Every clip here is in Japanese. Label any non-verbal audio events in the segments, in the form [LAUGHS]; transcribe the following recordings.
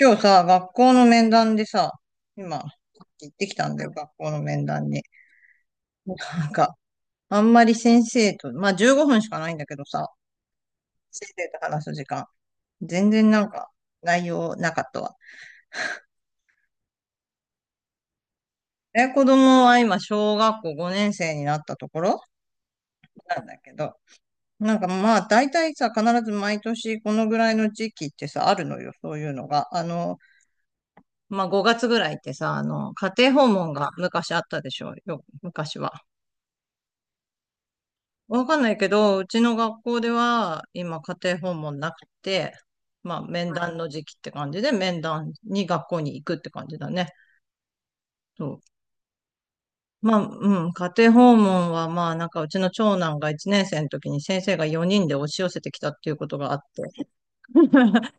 今日さ、学校の面談でさ、今、行ってきたんだよ、学校の面談に。なんか、あんまり先生と、まあ15分しかないんだけどさ、先生と話す時間、全然なんか、内容なかったわ。え、子供は今、小学校5年生になったところなんだけど、まあ、大体さ、必ず毎年このぐらいの時期ってさ、あるのよ、そういうのが。まあ5月ぐらいってさ、家庭訪問が昔あったでしょ、よ、昔は。わかんないけど、うちの学校では今家庭訪問なくて、まあ面は談い。談の時期って感じで面談に学校に行くって感じだね。そう。まあ、うん、家庭訪問はまあうちの長男が1年生の時に先生が4人で押し寄せてきたっていうことがあって。[LAUGHS]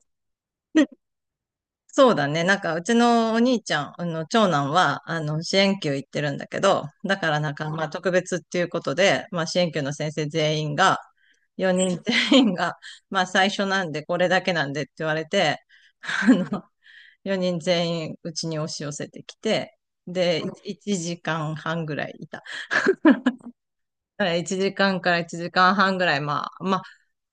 そうだね。うちのお兄ちゃん、長男は、支援級行ってるんだけど、だからまあ、特別っていうことで、まあ、支援級の先生全員が、4人全員が、まあ、最初なんで、これだけなんでって言われて、あの、4人全員、うちに押し寄せてきて、で、1時間半ぐらいいた。だから1時間半ぐらい、まあ、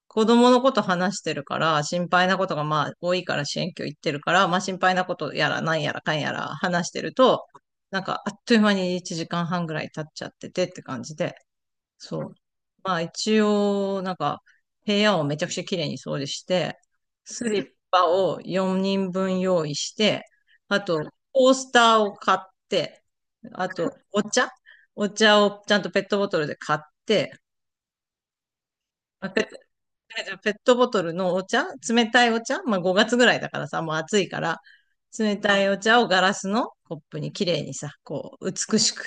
子供のこと話してるから、心配なことがまあ多いから支援教行ってるから、まあ心配なことやらなんやらかんやら話してると、なんかあっという間に1時間半ぐらい経っちゃっててって感じで、そう。まあ一応、部屋をめちゃくちゃ綺麗に掃除して、スリッパを4人分用意して、あとコースターを買って、あとお茶お茶をちゃんとペットボトルで買って、まあペットじゃあペットボトルのお茶、冷たいお茶、まあ5月ぐらいだからさ、もう暑いから、冷たいお茶をガラスのコップに綺麗にさ、こう、美しく。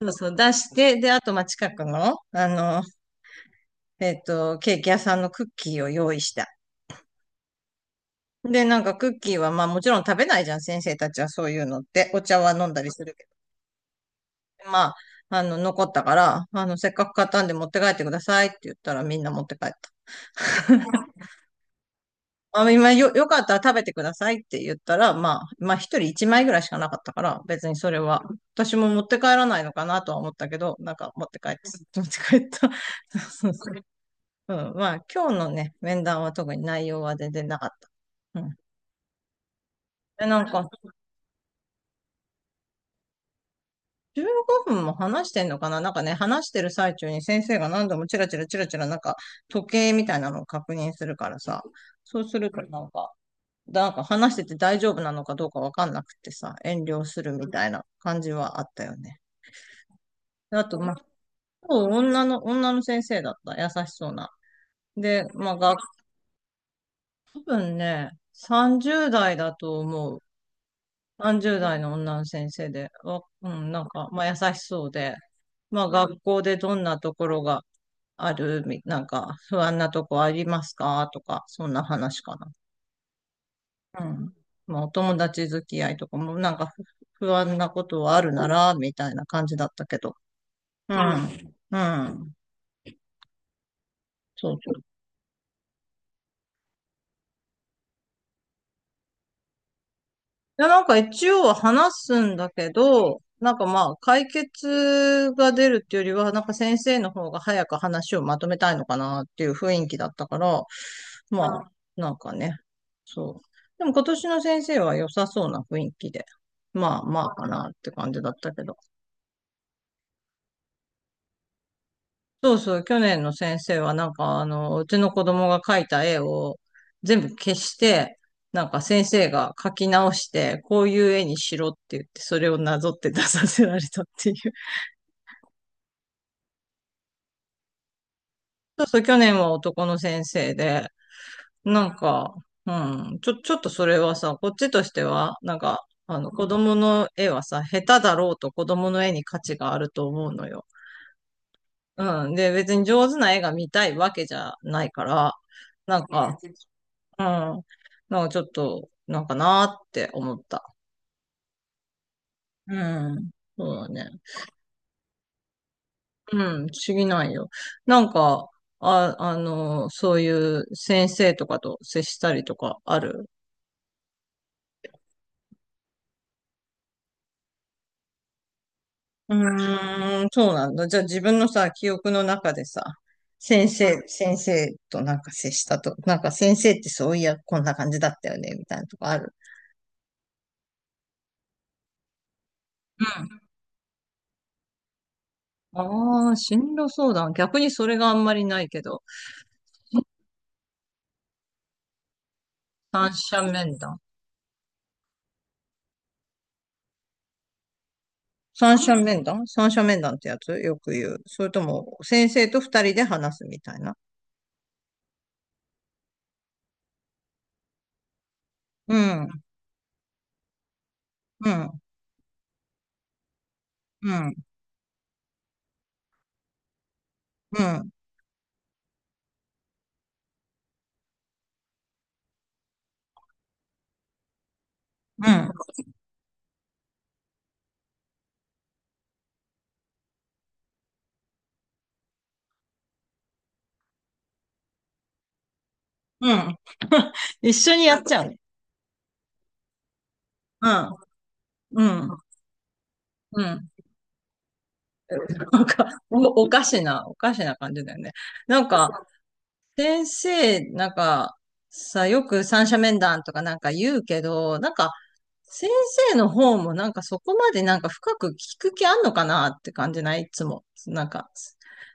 そうそう、出して、で、あと、まあ、近くの、ケーキ屋さんのクッキーを用意した。で、なんかクッキーは、まあ、もちろん食べないじゃん、先生たちはそういうのって。お茶は飲んだりするけど。残ったから、せっかく買ったんで持って帰ってくださいって言ったらみんな持って帰った。あ、よかったら食べてくださいって言ったら、まあ一人一枚ぐらいしかなかったから、別にそれは、私も持って帰らないのかなとは思ったけど、なんか持って帰って、[LAUGHS] 持って帰った。[LAUGHS] そうそうそう。うん、まあ今日のね、面談は特に内容は全然なかった。うん。で、なんか、15分も話してんのかな、なんかね、話してる最中に先生が何度もチラチラチラチラなんか時計みたいなのを確認するからさ、そうするとなんか、話してて大丈夫なのかどうかわかんなくてさ、遠慮するみたいな感じはあったよね。あと、まあ、女の先生だった。優しそうな。で、まあ、が、多分ね、30代だと思う。30代の女の先生で、わうん、まあ、優しそうで、まあ、学校でどんなところがある、みなんか、不安なとこありますかとか、そんな話かな。うん。まあ、お友達付き合いとかも、なんかふ不安なことはあるなら、みたいな感じだったけど。うん。うん。そうそう。で、なんか一応は話すんだけど、まあ、解決が出るっていうよりは、なんか先生の方が早く話をまとめたいのかなっていう雰囲気だったから、まあ、なんかね、そう。でも今年の先生は良さそうな雰囲気で、まあまあかなって感じだったけど。そうそう、去年の先生はなんかあの、うちの子供が描いた絵を全部消して、なんか先生が描き直して、こういう絵にしろって言って、それをなぞって出させられたっていう。[LAUGHS] そうそう、去年は男の先生で、なんか、ちょっとそれはさ、こっちとしては、子供の絵はさ、下手だろうと子供の絵に価値があると思うのよ。うん。で、別に上手な絵が見たいわけじゃないから、なんか、うん。なんかちょっと、なんかなーって思った。うん。そうだね。うん。不思議ないよ。なんか、そういう先生とかと接したりとかある？うーん、そうなんだ。じゃあ自分のさ、記憶の中でさ、先生となんか接したと、なんか先生ってそういや、こんな感じだったよね、みたいなとこある？うん。ああ、進路相談。逆にそれがあんまりないけど、三者面談。三者面談ってやつよく言う。それとも、先生と二人で話すみたいな。うん、うん、うん、うん、うん、うん。一緒にやっちゃうね。うん、うん、うん。なんか、おかしな感じだよね。なんか、先生、なんか、さ、よく三者面談とかなんか言うけど、先生の方もなんかそこまでなんか深く聞く気あんのかなって感じないいつも。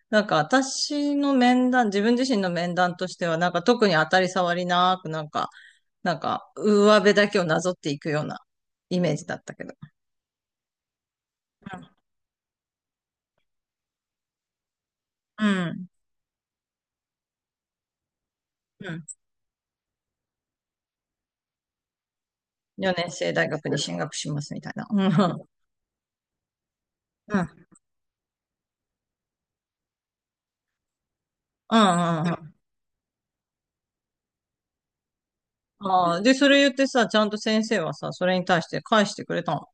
なんか私の面談、自分自身の面談としてはなんか特に当たり障りなくなんか上辺だけをなぞっていくようなイメージだったけど。うん。うんうん、4年生大学に進学しますみたいな。うん。うん。うん。うん。ああ、で、それ言ってさ、ちゃんと先生はさ、それに対して返してくれたの？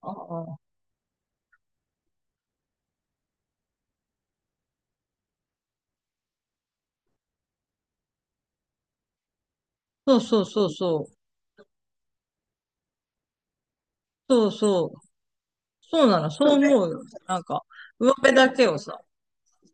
ああ。そうそうそうそう。そうそう。そうなの、そう思うよ。なんか、上辺だけをさ、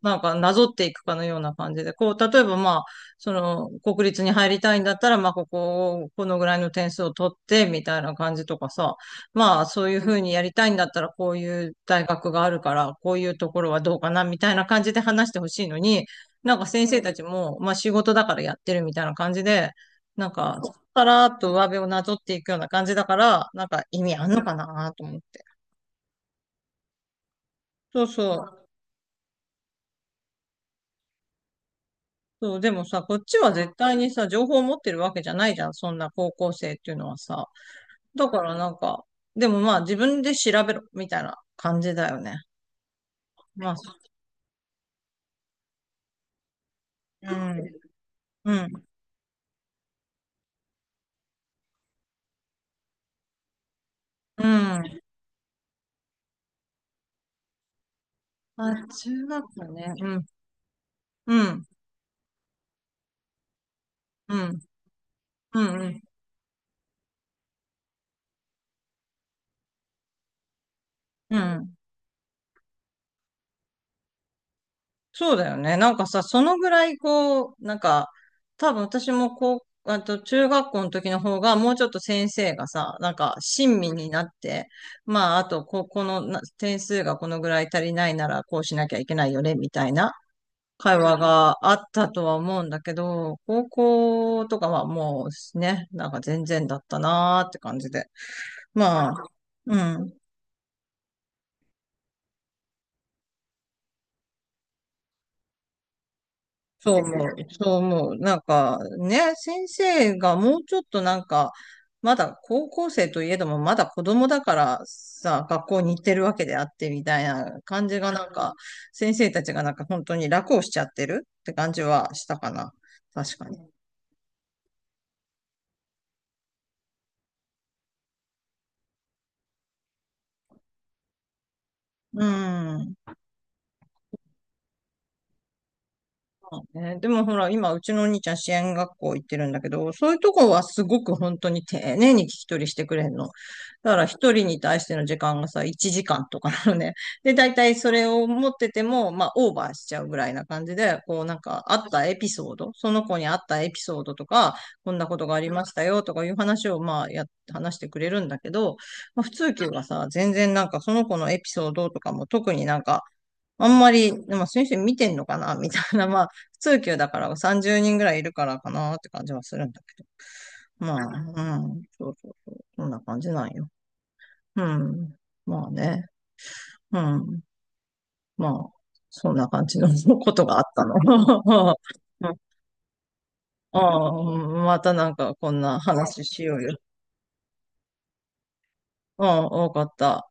なんかなぞっていくかのような感じで、こう、例えばまあ、その、国立に入りたいんだったら、まあ、ここを、このぐらいの点数を取って、みたいな感じとかさ、まあ、そういうふうにやりたいんだったら、こういう大学があるから、こういうところはどうかな、みたいな感じで話してほしいのに、なんか先生たちも、まあ、仕事だからやってるみたいな感じで、なんか、さらーっと上辺をなぞっていくような感じだから、なんか意味あんのかなと思って。そうそう。そう、でもさ、こっちは絶対にさ、情報を持ってるわけじゃないじゃん、そんな高校生っていうのはさ。だからなんか、でもまあ自分で調べろ、みたいな感じだよね。まあ、そう。うん、うん、うん。あ、中学校ね。うん、うん、うん、うん、うん、うん。そうだよね。なんかさ、そのぐらいこう、多分私もこう、あと中学校の時の方がもうちょっと先生がさ、なんか親身になって、まああとこ、このな点数がこのぐらい足りないならこうしなきゃいけないよね、みたいな会話があったとは思うんだけど、高校とかはもうね、なんか全然だったなーって感じで。まあ、うん。そう思ねう、そう思う。なんかね、先生がもうちょっとまだ高校生といえども、まだ子供だからさ、学校に行ってるわけであってみたいな感じがなんか、先生たちがなんか本当に楽をしちゃってるって感じはしたかな。確かに。うん。ね、でもほら、今、うちのお兄ちゃん支援学校行ってるんだけど、そういうとこはすごく本当に丁寧に聞き取りしてくれんの。だから一人に対しての時間がさ、1時間とかなのね。で、大体それを持ってても、まあ、オーバーしちゃうぐらいな感じで、こう、なんか、あったエピソード、その子にあったエピソードとか、こんなことがありましたよとかいう話を、話してくれるんだけど、まあ、普通級がさ、全然なんか、その子のエピソードとかも特になんか、あんまり、でも先生見てんのかな [LAUGHS] みたいな、[LAUGHS] まあ、普通級だから30人ぐらいいるからかなって感じはするんだけど。まあ、うん、そうそうそう、そんな感じなんよ。うん、まあね、うん、まあ、そんな感じの [LAUGHS] ことがあったの。[LAUGHS] うん、ああ、またなんかこんな話しようよ。うん、多かった。